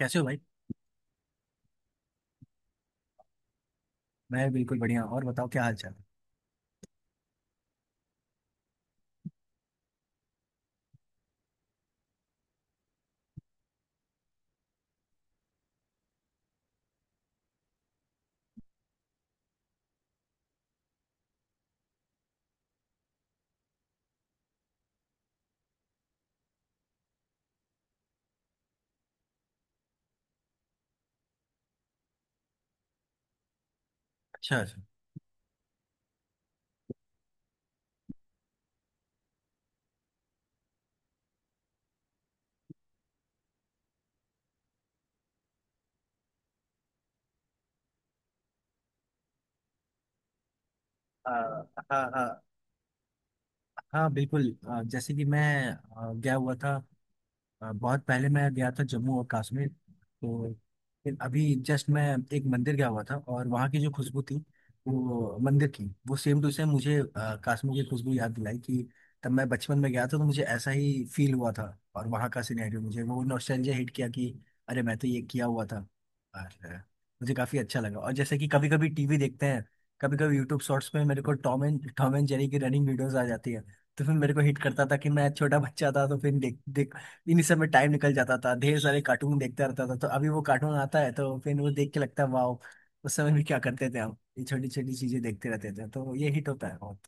कैसे हो भाई। मैं बिल्कुल बढ़िया और बताओ क्या हाल चाल है? अच्छा अच्छा। आ, हाँ हाँ। हाँ बिल्कुल, जैसे कि मैं गया हुआ था। बहुत पहले मैं गया था जम्मू और कश्मीर। तो फिर अभी जस्ट मैं एक मंदिर गया हुआ था और वहाँ की जो खुशबू थी, वो मंदिर की वो सेम टू सेम मुझे कश्मीर की खुशबू याद दिलाई कि तब मैं बचपन में गया था तो मुझे ऐसा ही फील हुआ था। और वहाँ का सिनेरियो मुझे, वो नॉस्टैल्जिया हिट किया कि अरे मैं तो ये किया हुआ था। और मुझे काफ़ी अच्छा लगा। और जैसे कि कभी कभी टीवी देखते हैं, कभी कभी यूट्यूब शॉर्ट्स में मेरे को टॉम एंड जेरी की रनिंग वीडियोस आ जाती है। तो फिर मेरे को हिट करता था कि मैं छोटा बच्चा था, तो फिर देख देख इन्हीं सब में टाइम निकल जाता था, ढेर सारे कार्टून देखता रहता था। तो अभी वो कार्टून आता है तो फिर वो देख के लगता है वाओ, उस समय भी क्या करते थे हम, ये छोटी छोटी चीजें देखते रहते थे। तो ये हिट होता है बहुत।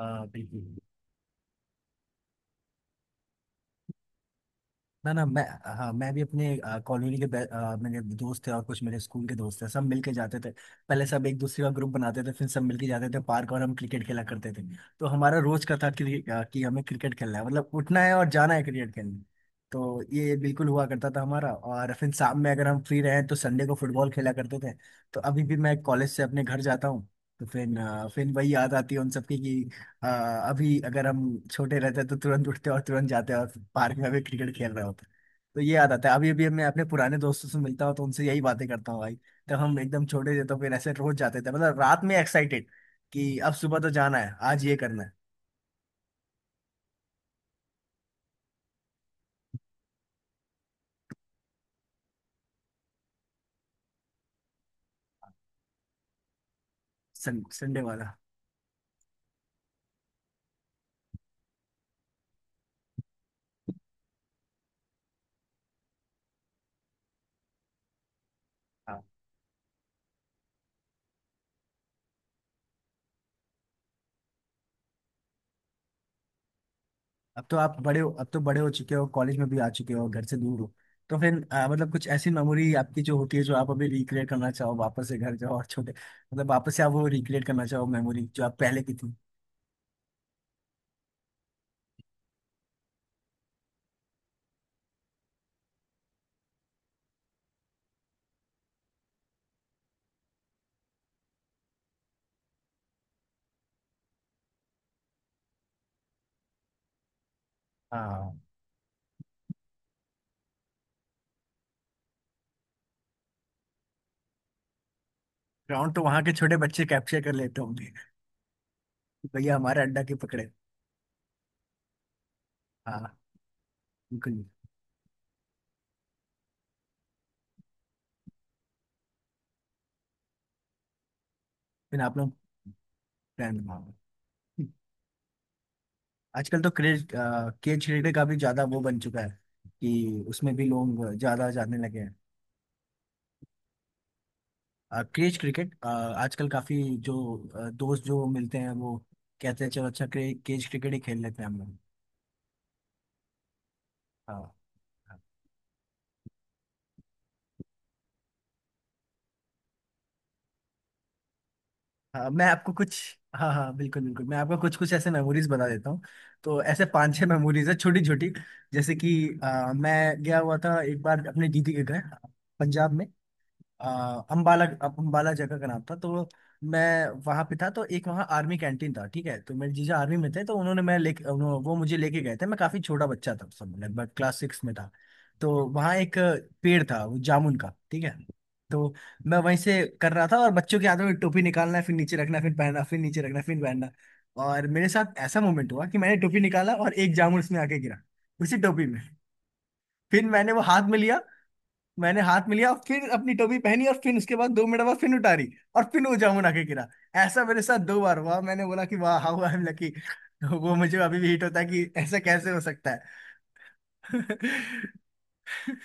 हाँ बिल्कुल। ना ना मैं, हाँ मैं भी अपने कॉलोनी के मेरे दोस्त थे और कुछ मेरे स्कूल के दोस्त थे, सब मिलके जाते थे। पहले सब एक दूसरे का ग्रुप बनाते थे, फिर सब मिलके जाते थे पार्क और हम क्रिकेट खेला करते थे। तो हमारा रोज का था कि हमें क्रिकेट खेलना है, मतलब उठना है और जाना है क्रिकेट खेलने। तो ये बिल्कुल हुआ करता था हमारा। और फिर शाम में, अगर हम फ्री रहे तो संडे को फुटबॉल खेला करते थे। तो अभी भी मैं कॉलेज से अपने घर जाता हूँ तो फिर फिर वही याद आती है उन सबकी। हाँ, अभी अगर हम छोटे रहते तो तुरंत उठते और तुरंत जाते और पार्क में भी क्रिकेट खेल रहे होते। तो ये याद आता है, अभी अभी मैं अपने पुराने दोस्तों से मिलता हूँ तो उनसे यही बातें करता हूँ भाई, तब हम एकदम छोटे थे। तो फिर ऐसे रोज जाते थे, मतलब रात में एक्साइटेड कि अब सुबह तो जाना है, आज ये करना है। संडे वाला। हाँ अब तो आप बड़े हो, अब तो बड़े हो चुके हो, कॉलेज में भी आ चुके हो, घर से दूर हो। तो फिर मतलब कुछ ऐसी मेमोरी आपकी जो होती है जो आप अभी रिक्रिएट करना चाहो, वापस से घर जाओ और छोटे, मतलब वापस से आप वो रिक्रिएट करना चाहो मेमोरी जो आप पहले की थी। हाँ। ग्राउंड तो वहां के छोटे बच्चे कैप्चर कर लेते होंगे कि भैया हमारा अड्डा की पकड़े। हाँ बिल्कुल। फिर आप लोग प्लान बनाओ। आजकल तो क्रेज केज क्रिकेट का भी ज्यादा वो बन चुका है कि उसमें भी लोग ज्यादा जाने लगे हैं। क्रेज क्रिकेट आजकल काफी, जो दोस्त जो मिलते हैं वो कहते हैं चलो, अच्छा क्रेज क्रिकेट ही खेल लेते हैं हम लोग। हाँ हाँ, मैं आपको कुछ, हाँ हाँ बिल्कुल बिल्कुल मैं आपको कुछ कुछ ऐसे मेमोरीज बता देता हूँ। तो ऐसे पांच छह मेमोरीज है छोटी छोटी। जैसे कि मैं गया हुआ था एक बार अपने दीदी के घर, पंजाब में। अम्बाला, अम्बाला जगह का नाम था। तो मैं वहां पे था, तो एक वहाँ आर्मी कैंटीन था, ठीक है, तो मेरे जीजा आर्मी में थे। तो उन्होंने मैं ले वो मुझे लेके गए थे, मैं काफी छोटा बच्चा था उस समय, लगभग क्लास 6 में था। तो वहाँ एक पेड़ था, वो जामुन का, ठीक है। तो मैं वहीं से कर रहा था और बच्चों के हाथों में टोपी निकालना, फिर नीचे रखना, फिर पहनना, फिर नीचे रखना, फिर पहनना। और मेरे साथ ऐसा मोमेंट हुआ कि मैंने टोपी निकाला और एक जामुन उसमें आके गिरा, उसी टोपी में। फिर मैंने वो हाथ में लिया, मैंने हाथ मिलिया और फिर अपनी टोपी पहनी और फिर उसके बाद 2 मिनट बाद फिर उतारी और फिर वो जामुन आके गिरा। ऐसा मेरे साथ 2 बार हुआ। मैंने बोला कि वाह हाउ आई एम लकी। वो मुझे अभी भी हिट होता है कि ऐसा कैसे हो सकता है।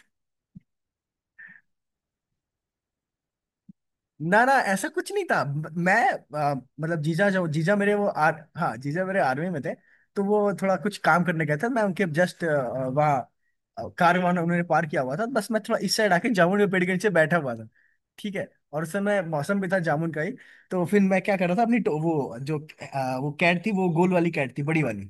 ना ना ऐसा कुछ नहीं था, मैं मतलब जीजा, जो जीजा मेरे वो आर, हाँ जीजा मेरे आर्मी में थे। तो वो थोड़ा कुछ काम करने गए थे, मैं उनके जस्ट वहाँ कार वहाँ उन्होंने पार किया हुआ था, बस मैं थोड़ा इस साइड आके जामुन के पेड़ के नीचे बैठा हुआ था, ठीक है। और उस समय मौसम भी था जामुन का ही। तो फिर मैं क्या कर रहा था अपनी वो जो वो कैट थी, वो गोल वाली कैट थी, बड़ी वाली।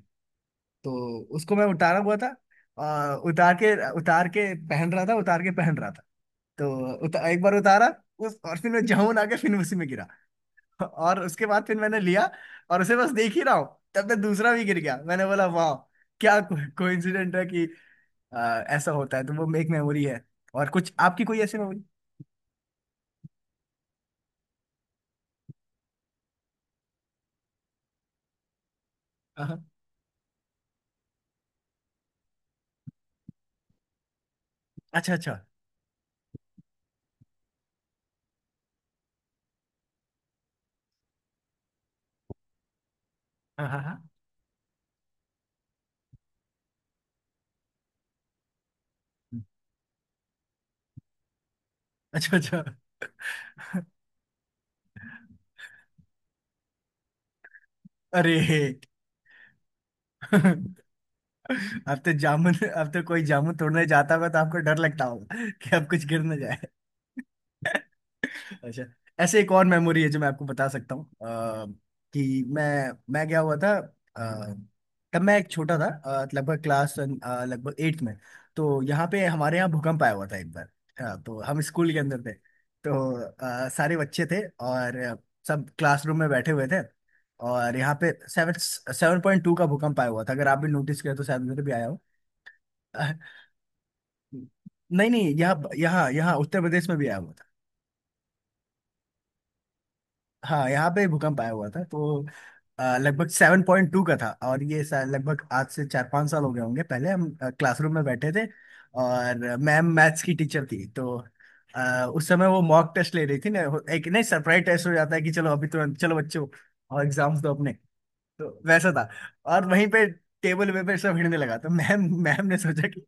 तो उसको मैं उतारा हुआ था, और उतार के, पहन रहा था, उतार के पहन रहा था। तो एक बार उतारा उस, और फिर मैं जाऊं आके फिर उसी में गिरा। और उसके बाद फिर मैंने लिया और उसे बस देख ही रहा हूँ, तब तक दूसरा भी गिर गया। मैंने बोला वाह, क्या कोइंसिडेंट है कि ऐसा होता है। तो वो एक मेमोरी है। और कुछ आपकी कोई ऐसी मेमोरी? हाँ हाँ। अच्छा अच्छा। हाँ हाँ हाँ। अच्छा अच्छा। अरे, अब तो जामुन, अब तो कोई जामुन तोड़ने जाता होगा तो आपको डर लगता होगा कि अब कुछ गिर ना जाए। अच्छा, ऐसे एक और मेमोरी है जो मैं आपको बता सकता हूँ। कि मैं गया हुआ था। तब मैं एक छोटा था, लगभग क्लास लगभग 8th में। तो यहाँ पे, हमारे यहाँ भूकंप आया हुआ था एक बार। तो हम स्कूल के अंदर थे। तो सारे बच्चे थे और सब क्लासरूम में बैठे हुए थे। और यहाँ पे सेवन 7.2 का भूकंप आया हुआ था। अगर आप भी नोटिस करें तो शायद उधर भी आया हो। अह, नहीं नहीं, यहाँ यहाँ यहाँ उत्तर प्रदेश में भी आया हुआ था। हाँ यहाँ पे भूकंप आया हुआ था। तो लगभग 7.2 का था और ये शायद लगभग आज से 4-5 साल हो गए होंगे। पहले हम क्लासरूम में बैठे थे और मैम मैथ्स की टीचर थी। तो उस समय वो मॉक टेस्ट ले रही थी ना, एक नहीं सरप्राइज टेस्ट हो जाता है कि चलो अभी तुरंत चलो बच्चों और एग्जाम्स दो। तो वैसा था। और वहीं पे टेबल पे पे सब हिड़ने लगा। तो मैम मैम ने सोचा कि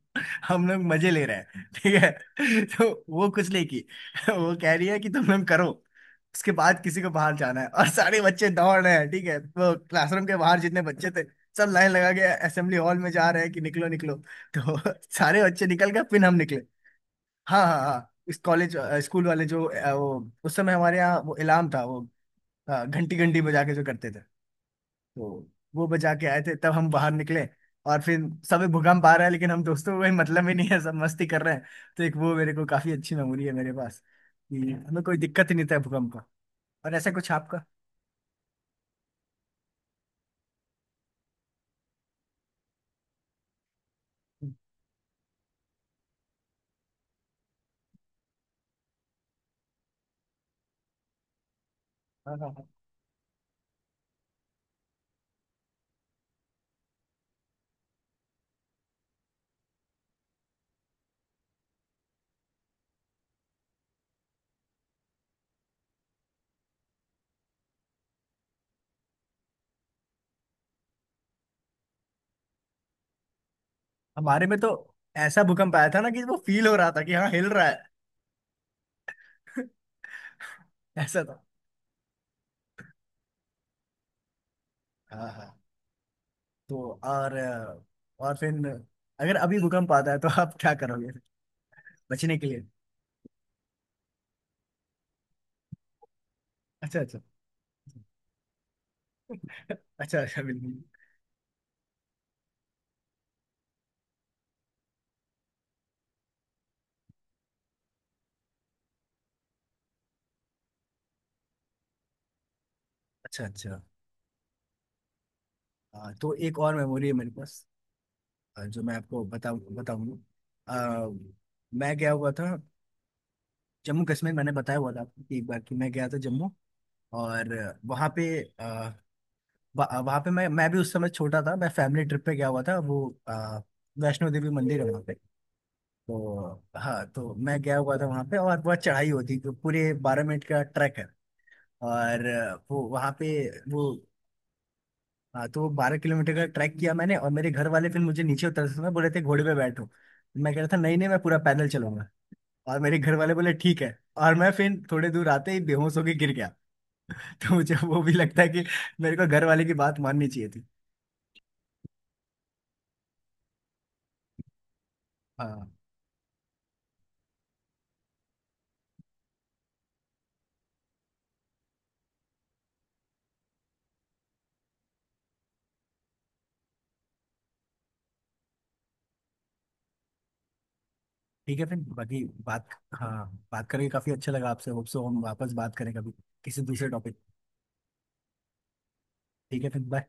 हम लोग मजे ले रहे हैं, ठीक है। तो वो कुछ नहीं की, वो कह रही है कि तुम लोग करो। उसके बाद किसी को बाहर जाना है और सारे बच्चे दौड़ रहे हैं, ठीक है। वो क्लासरूम के बाहर जितने बच्चे थे, सब लाइन लगा के असेंबली हॉल में जा रहे हैं कि निकलो निकलो। तो सारे बच्चे निकल गए, फिर हम निकले। हाँ हाँ हाँ। इस कॉलेज स्कूल वाले जो वो उस समय हमारे यहाँ वो इलाम था, वो घंटी घंटी बजा के जो करते थे। तो वो बजा के आए थे, तब हम बाहर निकले। और फिर सब भूकंप आ रहा है, लेकिन हम दोस्तों को कोई मतलब ही नहीं है, सब मस्ती कर रहे हैं। तो एक वो मेरे को काफी अच्छी मेमोरी है मेरे पास कि हमें कोई दिक्कत ही नहीं था भूकंप का। और ऐसा कुछ आपका? हाँ, हाँ, हाँ। हमारे में तो ऐसा भूकंप आया था ना कि वो फील हो रहा था कि हाँ हिल रहा है। ऐसा था। हाँ हाँ। तो और और फिर अगर अभी भूकंप आता है तो आप क्या करोगे बचने के लिए? अच्छा अच्छा। अच्छा अच्छा बिल्कुल। अच्छा अच्छा। हाँ, तो एक और मेमोरी है मेरे पास जो मैं आपको बताऊंगा। अ, मैं गया हुआ था जम्मू कश्मीर। मैंने बताया हुआ था आपको कि एक बार कि मैं गया था जम्मू। और वहाँ पे अ, वहाँ पे मैं भी उस समय छोटा था, मैं फैमिली ट्रिप पे गया हुआ था। वो अ, वैष्णो देवी मंदिर है वहाँ पे। तो हाँ, तो मैं गया हुआ था वहाँ पे और बहुत चढ़ाई होती है, तो पूरे 12 मिनट का ट्रैक है। और अ, वो वहाँ पे वो हाँ, तो वो 12 किलोमीटर का ट्रैक किया मैंने। और मेरे घर वाले फिर मुझे नीचे उतर समय बोले थे घोड़े पे बैठो। मैं कह रहा था नहीं नहीं, मैं पूरा पैदल चलूंगा। और मेरे घर वाले बोले ठीक है। और मैं फिर थोड़े दूर आते ही बेहोश होके गिर गया। तो मुझे वो भी लगता है कि मेरे को घर वाले की बात माननी चाहिए थी। हाँ ठीक है, फिर बाकी बात, हाँ। बात करके काफी अच्छा लगा आपसे, होप सो हम वापस बात करें कभी, किसी दूसरे टॉपिक। ठीक है फिर बाय।